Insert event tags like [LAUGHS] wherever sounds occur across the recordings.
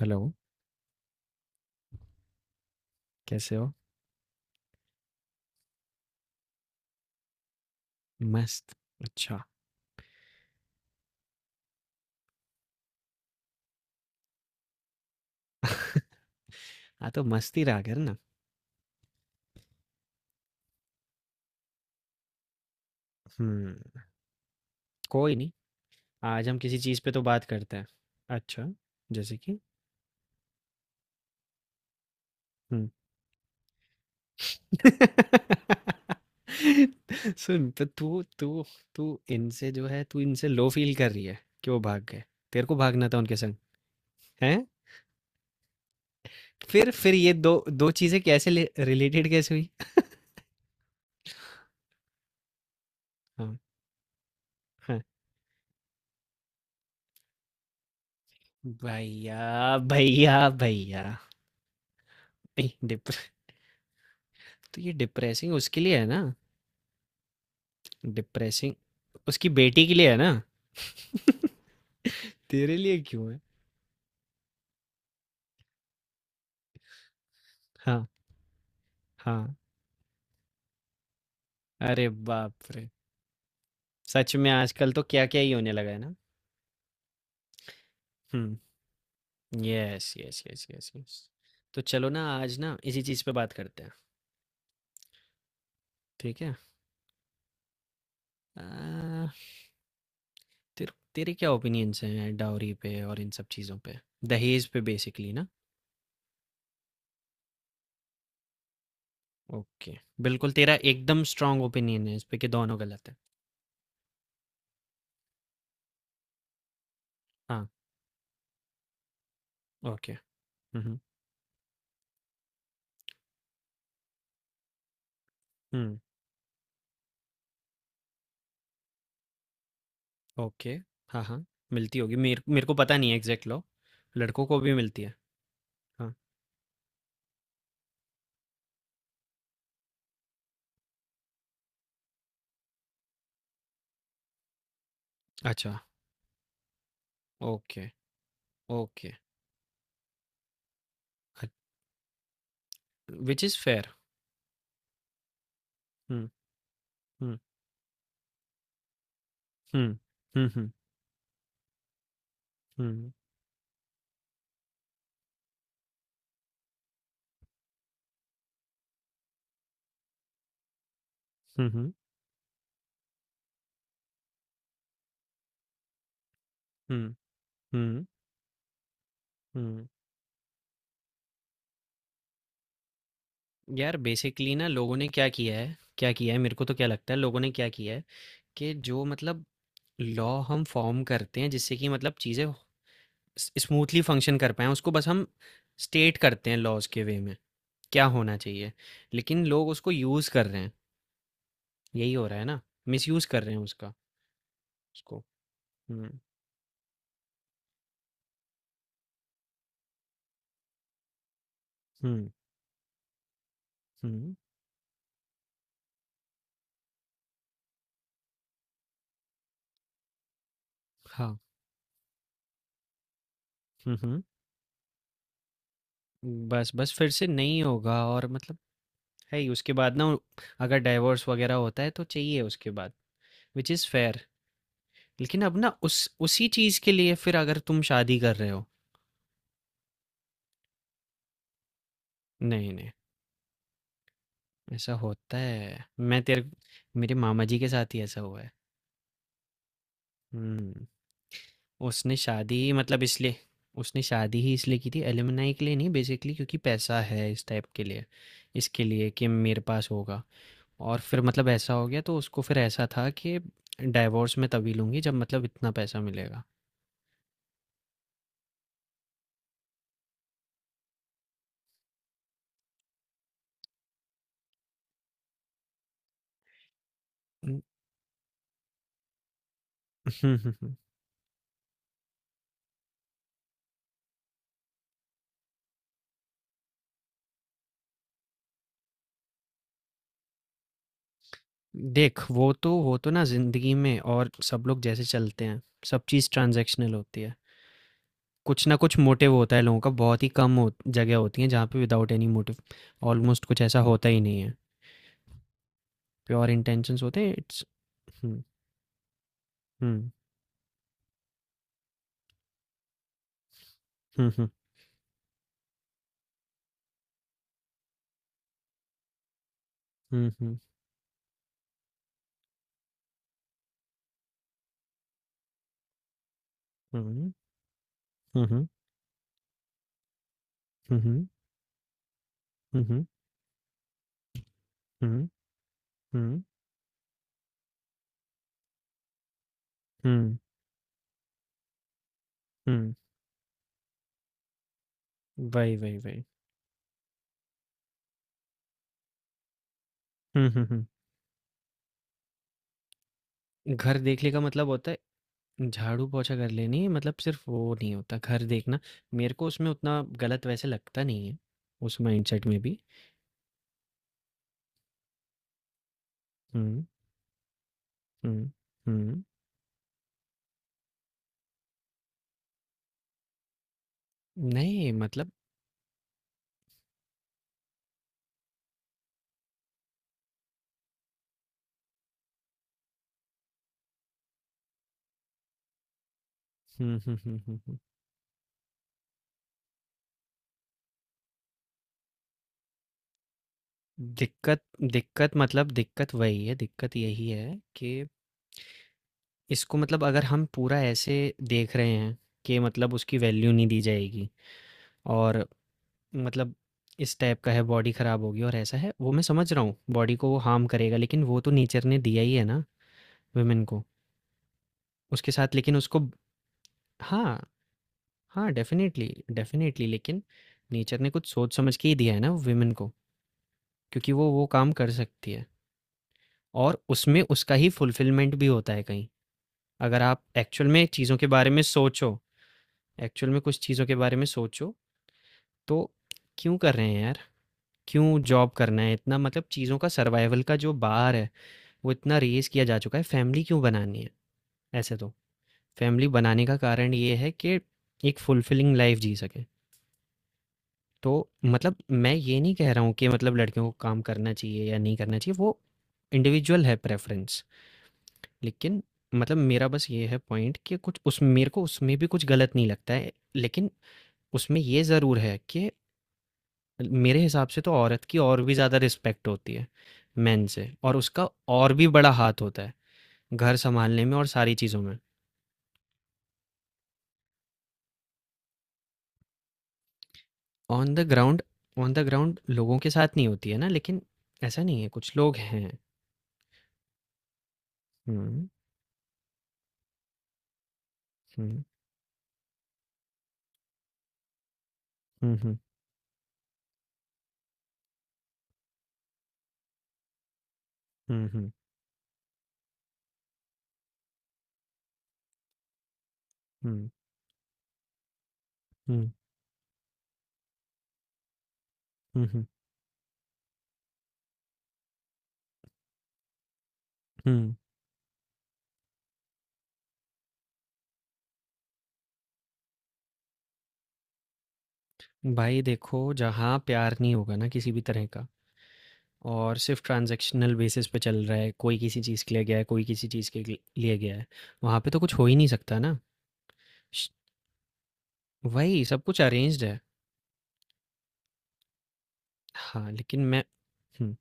Hello, कैसे हो? मस्त, अच्छा। हाँ, तो मस्ती रहा कर ना। हुँ, कोई नहीं, आज हम किसी चीज़ पे तो बात करते हैं। अच्छा, जैसे कि? हुँ। [LAUGHS] सुन, तो तू तू तू इनसे जो है, तू इनसे लो फ़ील कर रही है कि वो भाग गए। तेरे को भागना था उनके संग, हैं? फिर ये 2 2 चीज़ें कैसे ले रिलेटेड कैसे हुई? हाँ, हाँ। भैया, भैया, भैया। ए डिप तो ये डिप्रेसिंग उसके लिए है ना। डिप्रेसिंग उसकी बेटी के लिए है ना, तेरे लिए क्यों है? हाँ, हाँ। अरे बाप रे, सच में आजकल तो क्या क्या ही होने लगा है ना। हम्म, yes yes yes yes yes. तो चलो ना आज ना इसी चीज़ पे बात करते हैं। ठीक है। आ, तेरे तेरे क्या ओपिनियंस हैं डाउरी पे और इन सब चीज़ों पे, दहेज पे बेसिकली ना। ओके, बिल्कुल तेरा एकदम स्ट्रांग ओपिनियन है इस पे कि दोनों गलत है। हाँ, ओके। हम्म, हम्म। ओके, हाँ, हाँ, मिलती होगी, मेरे मेरे को पता नहीं है एग्ज़ैक्ट लॉ। लड़कों को भी मिलती है। हाँ, अच्छा, ओके, ओके। ह, व्हिच इज़ फेयर। हुँ, हुँ, हुँ, हुँ, हुँ, हुँ, हुँ, हुँ, हुँ, हुँ, हुँ। यार बेसिकली ना लोगों ने क्या किया है क्या किया है, मेरे को तो क्या लगता है लोगों ने क्या किया है कि जो मतलब लॉ हम फॉर्म करते हैं जिससे कि मतलब चीज़ें स स्मूथली फंक्शन कर पाएँ, उसको बस हम स्टेट करते हैं लॉज़ के वे में, क्या होना चाहिए, लेकिन लोग उसको यूज़ कर रहे हैं। यही हो रहा है ना, मिसयूज कर रहे हैं उसका, उसको। हम्म, हम्म, हम्म, हाँ, हम्म, हम्म, बस बस फिर से नहीं होगा और मतलब है ही उसके बाद ना। अगर डाइवोर्स वगैरह होता है तो चाहिए उसके बाद, विच इज़ फेयर। लेकिन अब ना उस, उसी चीज़ के लिए फिर अगर तुम शादी कर रहे हो। नहीं नहीं, ऐसा होता है, मैं तेरे, मेरे मामा जी के साथ ही ऐसा हुआ है। हुँ। उसने शादी मतलब इसलिए, उसने शादी ही इसलिए की थी एलुमनाई के लिए नहीं, बेसिकली क्योंकि पैसा है, इस टाइप के लिए, इसके लिए कि मेरे पास होगा। और फिर मतलब ऐसा हो गया तो उसको फिर ऐसा था कि डाइवोर्स मैं तभी लूँगी जब मतलब इतना पैसा मिलेगा। हुँ, हुँ, हुँ, हुँ। देख, वो तो ना ज़िंदगी में और सब लोग जैसे चलते हैं, सब चीज़ ट्रांज़ैक्शनल होती है। कुछ ना कुछ मोटिव होता है लोगों का, बहुत ही कम हो जगह होती है जहाँ पे विदाउट एनी मोटिव ऑलमोस्ट कुछ ऐसा होता ही नहीं है। प्योर इंटेंशंस होते हैं, इट्स, हम्म, हम्म, हम्म, हम्म, हम्म, हम्म, हम्म, हम्म, हम्म, हम्म, हम्म, हम्म, हम्म, हम्म, हम्म, वही वही वही, हम्म, हम्म, हम्म। घर देखने का मतलब होता है झाड़ू पोछा कर लेनी, मतलब सिर्फ वो नहीं होता घर देखना। मेरे को उसमें उतना गलत वैसे लगता नहीं है, उस माइंडसेट में भी। हम्म, हम्म, हम्म, नहीं मतलब, हम्म, हम्म, हम्म, हम्म, दिक्कत, दिक्कत, मतलब दिक्कत वही है, दिक्कत यही है कि इसको, मतलब अगर हम पूरा ऐसे देख रहे हैं कि मतलब उसकी वैल्यू नहीं दी जाएगी, और मतलब, इस टाइप का है, बॉडी खराब होगी और ऐसा है, वो मैं समझ रहा हूँ, बॉडी को वो हार्म करेगा, लेकिन वो तो नेचर ने दिया ही है ना वुमेन को, उसके साथ, लेकिन उसको, हाँ, हाँ, डेफिनेटली डेफिनेटली लेकिन नेचर ने कुछ सोच समझ के ही दिया है ना वुमेन को, क्योंकि वो काम कर सकती है और उसमें उसका ही फुलफिलमेंट भी होता है कहीं, अगर आप एक्चुअल में चीज़ों के बारे में सोचो, एक्चुअल में कुछ चीज़ों के बारे में सोचो, तो क्यों कर रहे हैं यार? क्यों जॉब करना है इतना, मतलब चीज़ों का सर्वाइवल का जो बार है, वो इतना रेज़ किया जा चुका है, फैमिली क्यों बनानी है? ऐसे तो, फैमिली बनाने का कारण ये है कि एक फुलफिलिंग लाइफ़ जी सकें। तो मतलब मैं ये नहीं कह रहा हूँ कि मतलब लड़कियों को काम करना चाहिए या नहीं करना चाहिए, वो इंडिविजुअल है प्रेफ़रेंस। लेकिन मतलब मेरा बस ये है पॉइंट कि कुछ उस, मेरे को उसमें भी कुछ गलत नहीं लगता है। लेकिन उसमें ये ज़रूर है कि मेरे हिसाब से तो औरत की और भी ज़्यादा रिस्पेक्ट होती है मेन से, और उसका और भी बड़ा हाथ होता है घर संभालने में और सारी चीज़ों में। On the ground, on the ground लोगों के साथ नहीं होती है ना, लेकिन ऐसा नहीं है, कुछ लोग हैं। हुँ, हुँ, हुँ, हुँ, हुँ, हुँ, हुँ, हुँ, हुँ, हुँ, हुँ। भाई देखो, जहाँ प्यार नहीं होगा ना किसी भी तरह का, और सिर्फ ट्रांजैक्शनल बेसिस पे चल रहा है, कोई किसी चीज़ के लिए गया है, कोई किसी चीज़ के लिए गया है, वहाँ पे तो कुछ हो ही नहीं सकता ना। वही, सब कुछ अरेंज्ड है। हाँ, लेकिन मैं, हुँ,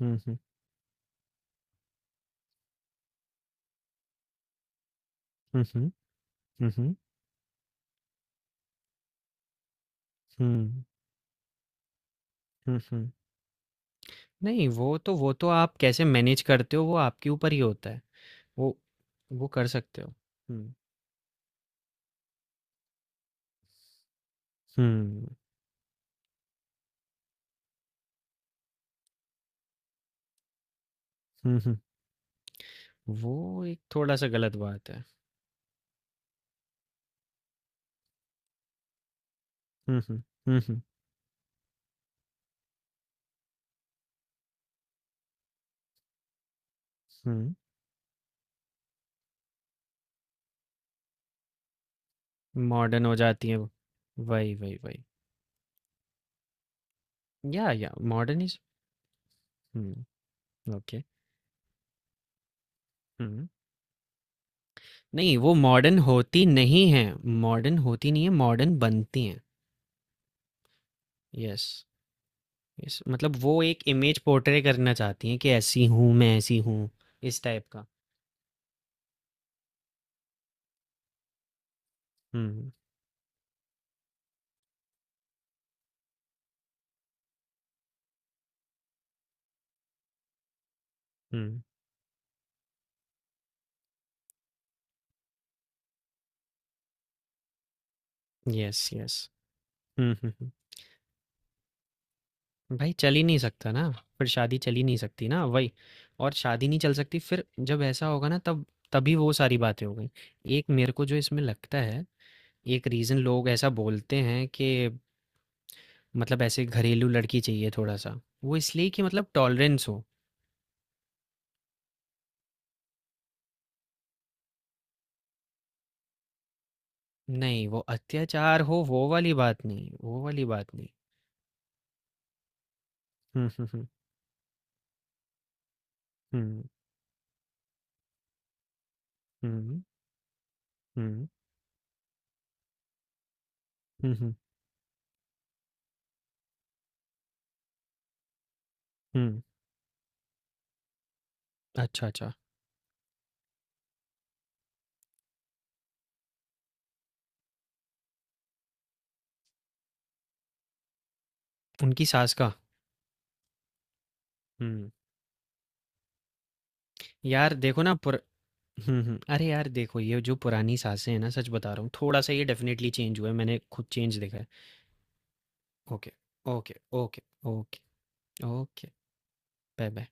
हुँ, हुँ, हुँ, हुँ, हुँ, हुँ, हुँ, हुँ, हुँ। नहीं, वो तो आप कैसे मैनेज करते हो, वो आपके ऊपर ही होता है। वो वो कर सकते हो। हुँ, हुँ, हुँ, हुँ। वो एक थोड़ा-सा गलत बात है। हुँ, हुँ, हुँ, हुँ, हुँ। मॉडर्न हो जाती है वो। वही, वही, वही। या मॉडर्न इज़, हुँ, ओके। हुँ। नहीं, वो मॉडर्न होती नहीं हैं, मॉडर्न होती नहीं है, मॉडर्न बनती हैं। यस। इस मतलब वो एक इमेज पोर्ट्रे करना चाहती हैं कि ऐसी हूँ, मैं ऐसी हूँ, इस टाइप का। हुँ, हुँ। Yes, yes. हुँ, हुँ, हुँ। भाई चल ही नहीं सकता ना, फिर शादी चल ही नहीं सकती ना, वही। और शादी नहीं चल सकती, फिर जब ऐसा होगा ना, तब तभी वो सारी बातें हो गई। एक मेरे को जो इसमें लगता है, एक रीज़न लोग ऐसा बोलते हैं कि मतलब ऐसे घरेलू लड़की चाहिए थोड़ा-सा, वो इसलिए कि मतलब टॉलरेंस हो। नहीं, वो अत्याचार हो वो वाली बात नहीं, वो वाली बात नहीं। हुँ, हुँ, हुँ। हुँ। हुँ, हुँ। हुँ, हुँ, हुँ। अच्छा, अच्छा। उनकी सास का? हुँ। यार देखो ना पुर, हुँ, हुँ। अरे यार देखो, ये जो पुरानी सासें हैं ना, सच बता रहा हूँ, थोड़ा-सा ये डेफ़िनेटली चेंज हुआ है। मैंने खुद चेंज देखा है। Okay, okay, okay, okay, okay. Bye-bye.